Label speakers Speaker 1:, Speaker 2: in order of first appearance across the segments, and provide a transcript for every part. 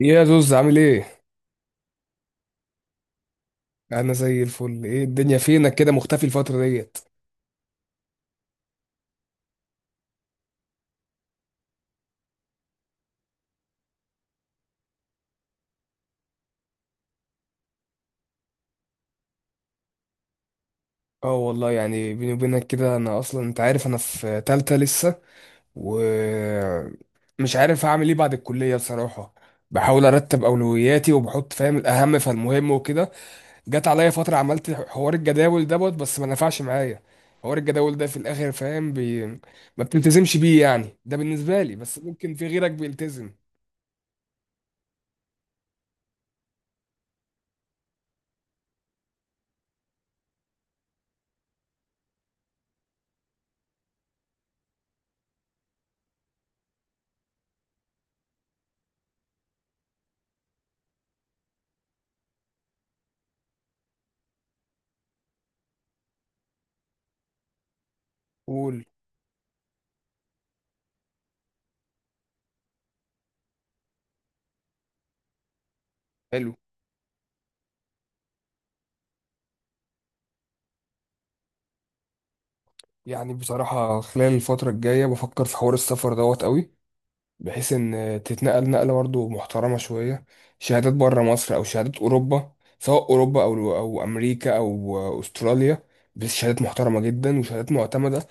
Speaker 1: يا زوز عامل ايه؟ انا زي الفل. ايه الدنيا فينك كده مختفي الفترة ديت؟ اه والله، يعني بيني وبينك كده، انا اصلا انت عارف انا في تالتة لسه، ومش عارف هعمل ايه بعد الكلية بصراحة. بحاول ارتب اولوياتي وبحط فاهم الاهم فالمهم وكده. جت عليا فترة عملت حوار الجداول دوت، بس ما نفعش معايا. حوار الجداول ده في الاخر فاهم ما بتلتزمش بيه، يعني ده بالنسبة لي، بس ممكن في غيرك بيلتزم. قول. حلو. يعني بصراحة خلال الفترة الجاية بفكر في حوار السفر دوت قوي، بحيث إن تتنقل نقلة برضه محترمة شوية، شهادات بره مصر أو شهادات أوروبا، سواء أوروبا أو أمريكا أو أستراليا. بس شهادات محترمة جدا وشهادات معتمدة،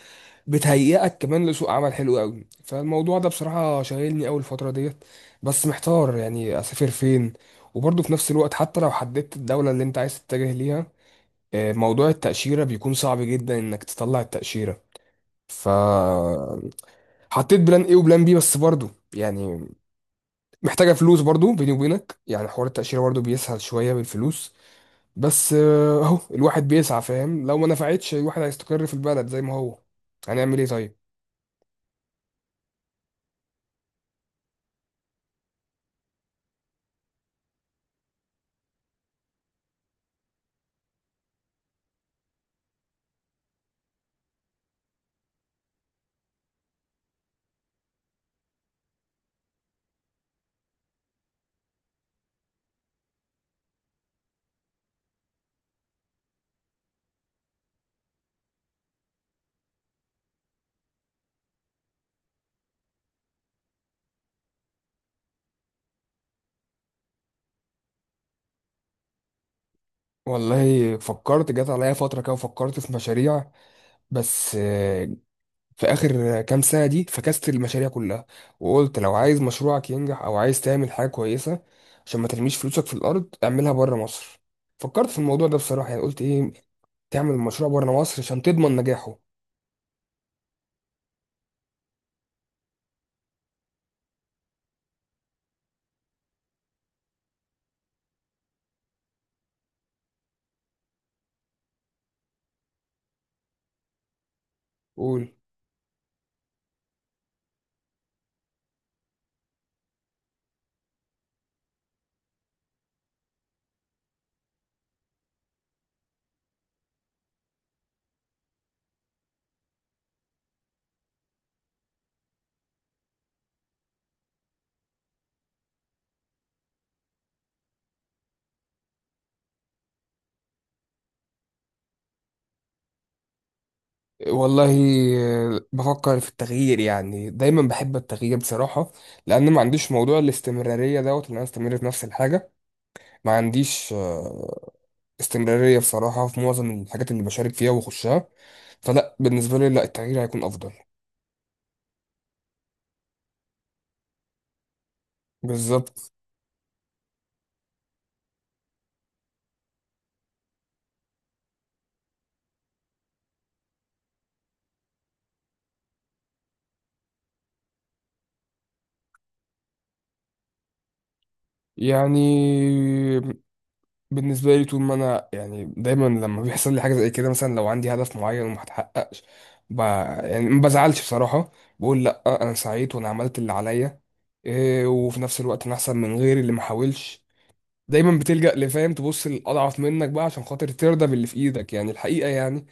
Speaker 1: بتهيئك كمان لسوق عمل حلو قوي. فالموضوع ده بصراحة شاغلني أوي الفترة ديت، بس محتار يعني أسافر فين. وبرضه في نفس الوقت، حتى لو حددت الدولة اللي أنت عايز تتجه ليها، موضوع التأشيرة بيكون صعب جدا إنك تطلع التأشيرة. ف حطيت بلان ايه وبلان بي، بس برضو يعني محتاجه فلوس. برضو بيني وبينك يعني حوار التاشيره برضو بيسهل شويه بالفلوس. بس اهو الواحد بيسعى، فاهم؟ لو ما نفعتش، الواحد هيستقر في البلد زي ما هو. هنعمل ايه طيب؟ والله فكرت. جات عليا فتره كده وفكرت في مشاريع، بس في اخر كام سنه دي فكست المشاريع كلها، وقلت لو عايز مشروعك ينجح او عايز تعمل حاجه كويسه، عشان ما ترميش فلوسك في الارض اعملها بره مصر. فكرت في الموضوع ده بصراحه، يعني قلت ايه، تعمل المشروع بره مصر عشان تضمن نجاحه. قول. والله بفكر في التغيير، يعني دايما بحب التغيير بصراحة، لأن ما عنديش موضوع الاستمرارية دوت، إن أنا أستمر في نفس الحاجة. ما عنديش استمرارية بصراحة في معظم الحاجات اللي بشارك فيها وأخشها. فلا بالنسبة لي، لا، التغيير هيكون أفضل. بالظبط. يعني بالنسبة لي، طول ما أنا يعني دايما لما بيحصل لي حاجة زي كده، مثلا لو عندي هدف معين وما اتحققش، ب... يعني ما بزعلش بصراحة. بقول لأ، أنا سعيت وأنا عملت اللي عليا. إيه، وفي نفس الوقت أنا أحسن من غيري اللي ما حاولش. دايما بتلجأ لفاهم، تبص للأضعف منك بقى عشان خاطر ترضى باللي في إيدك، يعني الحقيقة يعني.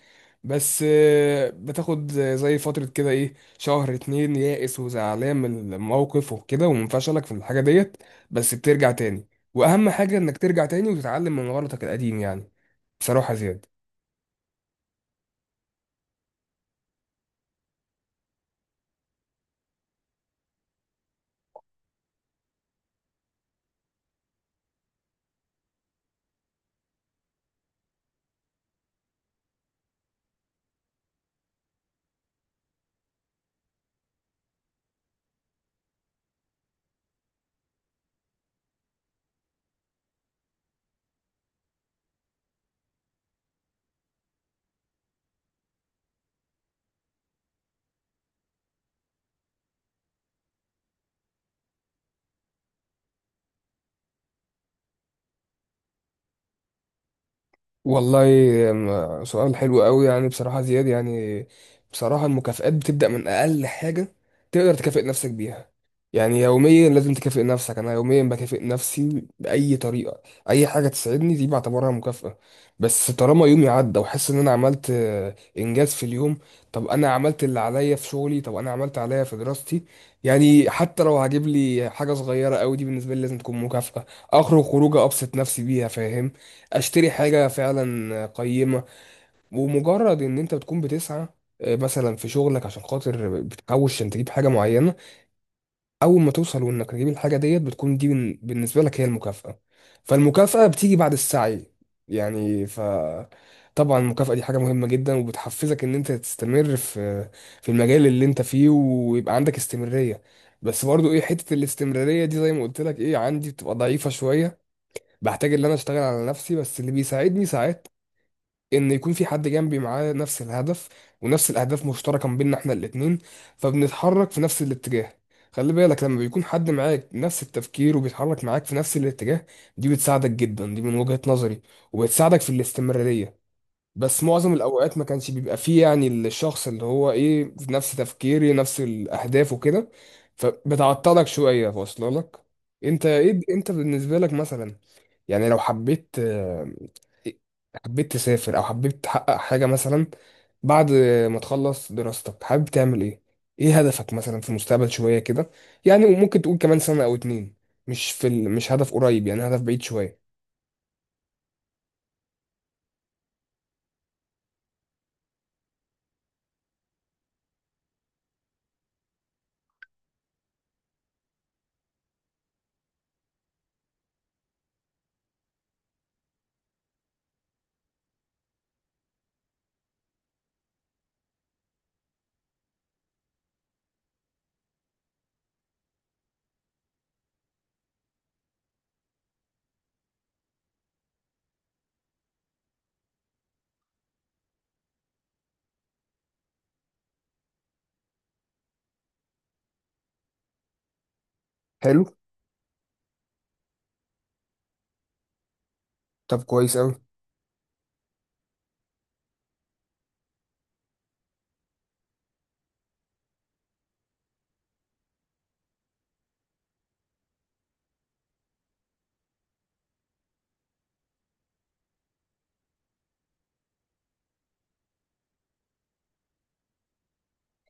Speaker 1: بس بتاخد زي فترة كده ايه، شهر اتنين يائس وزعلان من موقف وكده ومنفشلك في الحاجة ديت، بس بترجع تاني. وأهم حاجة إنك ترجع تاني وتتعلم من غلطك القديم، يعني بصراحة زياد. والله سؤال حلو قوي، يعني بصراحة زياد. يعني بصراحة المكافآت بتبدأ من أقل حاجة تقدر تكافئ نفسك بيها. يعني يوميا لازم تكافئ نفسك، أنا يوميا بكافئ نفسي بأي طريقة. أي حاجة تسعدني دي بعتبرها مكافأة، بس طالما يومي عدى وحس إن أنا عملت إنجاز في اليوم. طب أنا عملت اللي عليا في شغلي، طب أنا عملت عليا في دراستي. يعني حتى لو هجيب لي حاجة صغيرة قوي، دي بالنسبة لي لازم تكون مكافأة. أخرج خروجة أبسط نفسي بيها، فاهمني؟ اشتري حاجة فعلا قيمة. ومجرد ان انت بتكون بتسعى مثلا في شغلك عشان خاطر بتحوش عشان تجيب حاجة معينة، اول ما توصل وانك تجيب الحاجة ديت، بتكون دي بالنسبة لك هي المكافأة. فالمكافأة بتيجي بعد السعي يعني. طبعا المكافأة دي حاجة مهمة جدا، وبتحفزك ان انت تستمر في المجال اللي انت فيه، ويبقى عندك استمرارية. بس برضو ايه، حتة الاستمرارية دي زي ما قلت لك ايه، عندي بتبقى ضعيفة شوية. بحتاج ان انا اشتغل على نفسي. بس اللي بيساعدني ساعات ان يكون في حد جنبي معاه نفس الهدف، ونفس الاهداف مشتركه ما بيننا احنا الاتنين، فبنتحرك في نفس الاتجاه. خلي بالك، لما بيكون حد معاك نفس التفكير وبيتحرك معاك في نفس الاتجاه، دي بتساعدك جدا، دي من وجهة نظري، وبتساعدك في الاستمرارية. بس معظم الاوقات ما كانش بيبقى فيه يعني الشخص اللي هو ايه في نفس تفكيري، نفس الاهداف وكده، فبتعطلك شوية، واصله لك؟ انت ايه، انت بالنسبة لك مثلا، يعني لو حبيت حبيت تسافر او حبيت تحقق حاجة مثلا بعد ما تخلص دراستك، حابب تعمل ايه؟ ايه هدفك مثلا في المستقبل شوية كده؟ يعني وممكن تقول كمان سنة او اتنين، مش في مش هدف قريب، يعني هدف بعيد شوية. حلو. طب كويس اوي.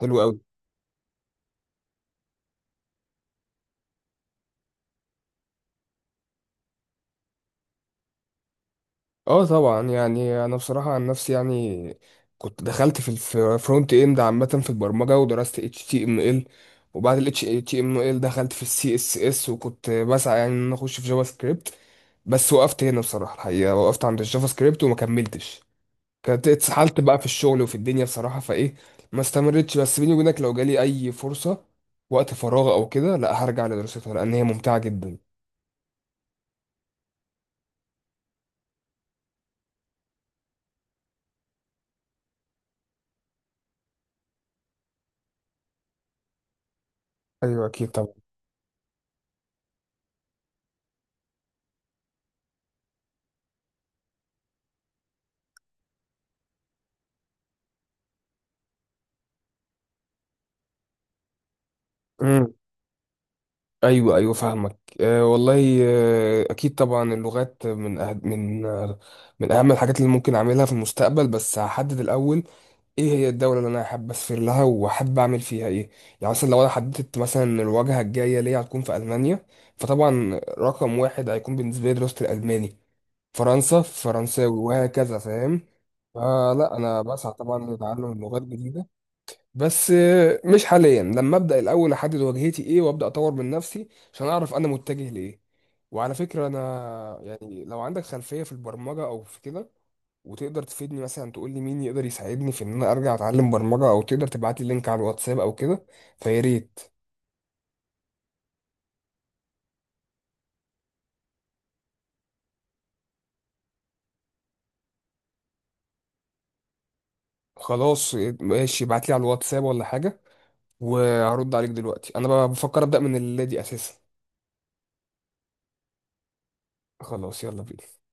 Speaker 1: حلو اوي. اه طبعا، يعني انا بصراحه عن نفسي، يعني كنت دخلت في الفرونت اند عامه في البرمجه، ودرست اتش تي ام ال، وبعد ال اتش تي ام ال دخلت في السي اس اس، وكنت بسعى يعني ان أنا اخش في جافا سكريبت، بس وقفت هنا بصراحه. الحقيقه وقفت عند الجافا سكريبت وما كملتش، كانت اتسحلت بقى في الشغل وفي الدنيا بصراحه، فايه، ما استمرتش. بس بيني وبينك لو جالي اي فرصه وقت فراغ او كده، لا هرجع لدراستها لان هي ممتعه جدا. ايوه اكيد طبعا. ايوه ايوه فاهمك. أه والله أه اكيد طبعا، اللغات من أه من اهم الحاجات اللي ممكن اعملها في المستقبل. بس هحدد الاول ايه هي الدوله اللي انا حابب اسافر لها وحابب اعمل فيها ايه. يعني مثلا لو انا حددت مثلا إن الواجهه الجايه ليا هتكون في المانيا، فطبعا رقم 1 هيكون بالنسبه لي دراسه الالماني. فرنسا فرنساوي وهكذا، فاهم؟ فلا انا بسعى طبعا لتعلم لغات جديده، بس مش حاليا. لما ابدا الاول احدد واجهتي ايه، وابدا اطور من نفسي عشان اعرف انا متجه لايه. وعلى فكره انا، يعني لو عندك خلفيه في البرمجه او في كده، وتقدر تفيدني مثلا تقول لي مين يقدر يساعدني في ان انا ارجع اتعلم برمجه، او تقدر تبعت لي لينك على الواتساب او كده، فيا ريت. خلاص ماشي، ابعت لي على الواتساب ولا حاجه، وهرد عليك. دلوقتي انا بفكر ابدا من الليله دي اساسا. خلاص يلا بينا.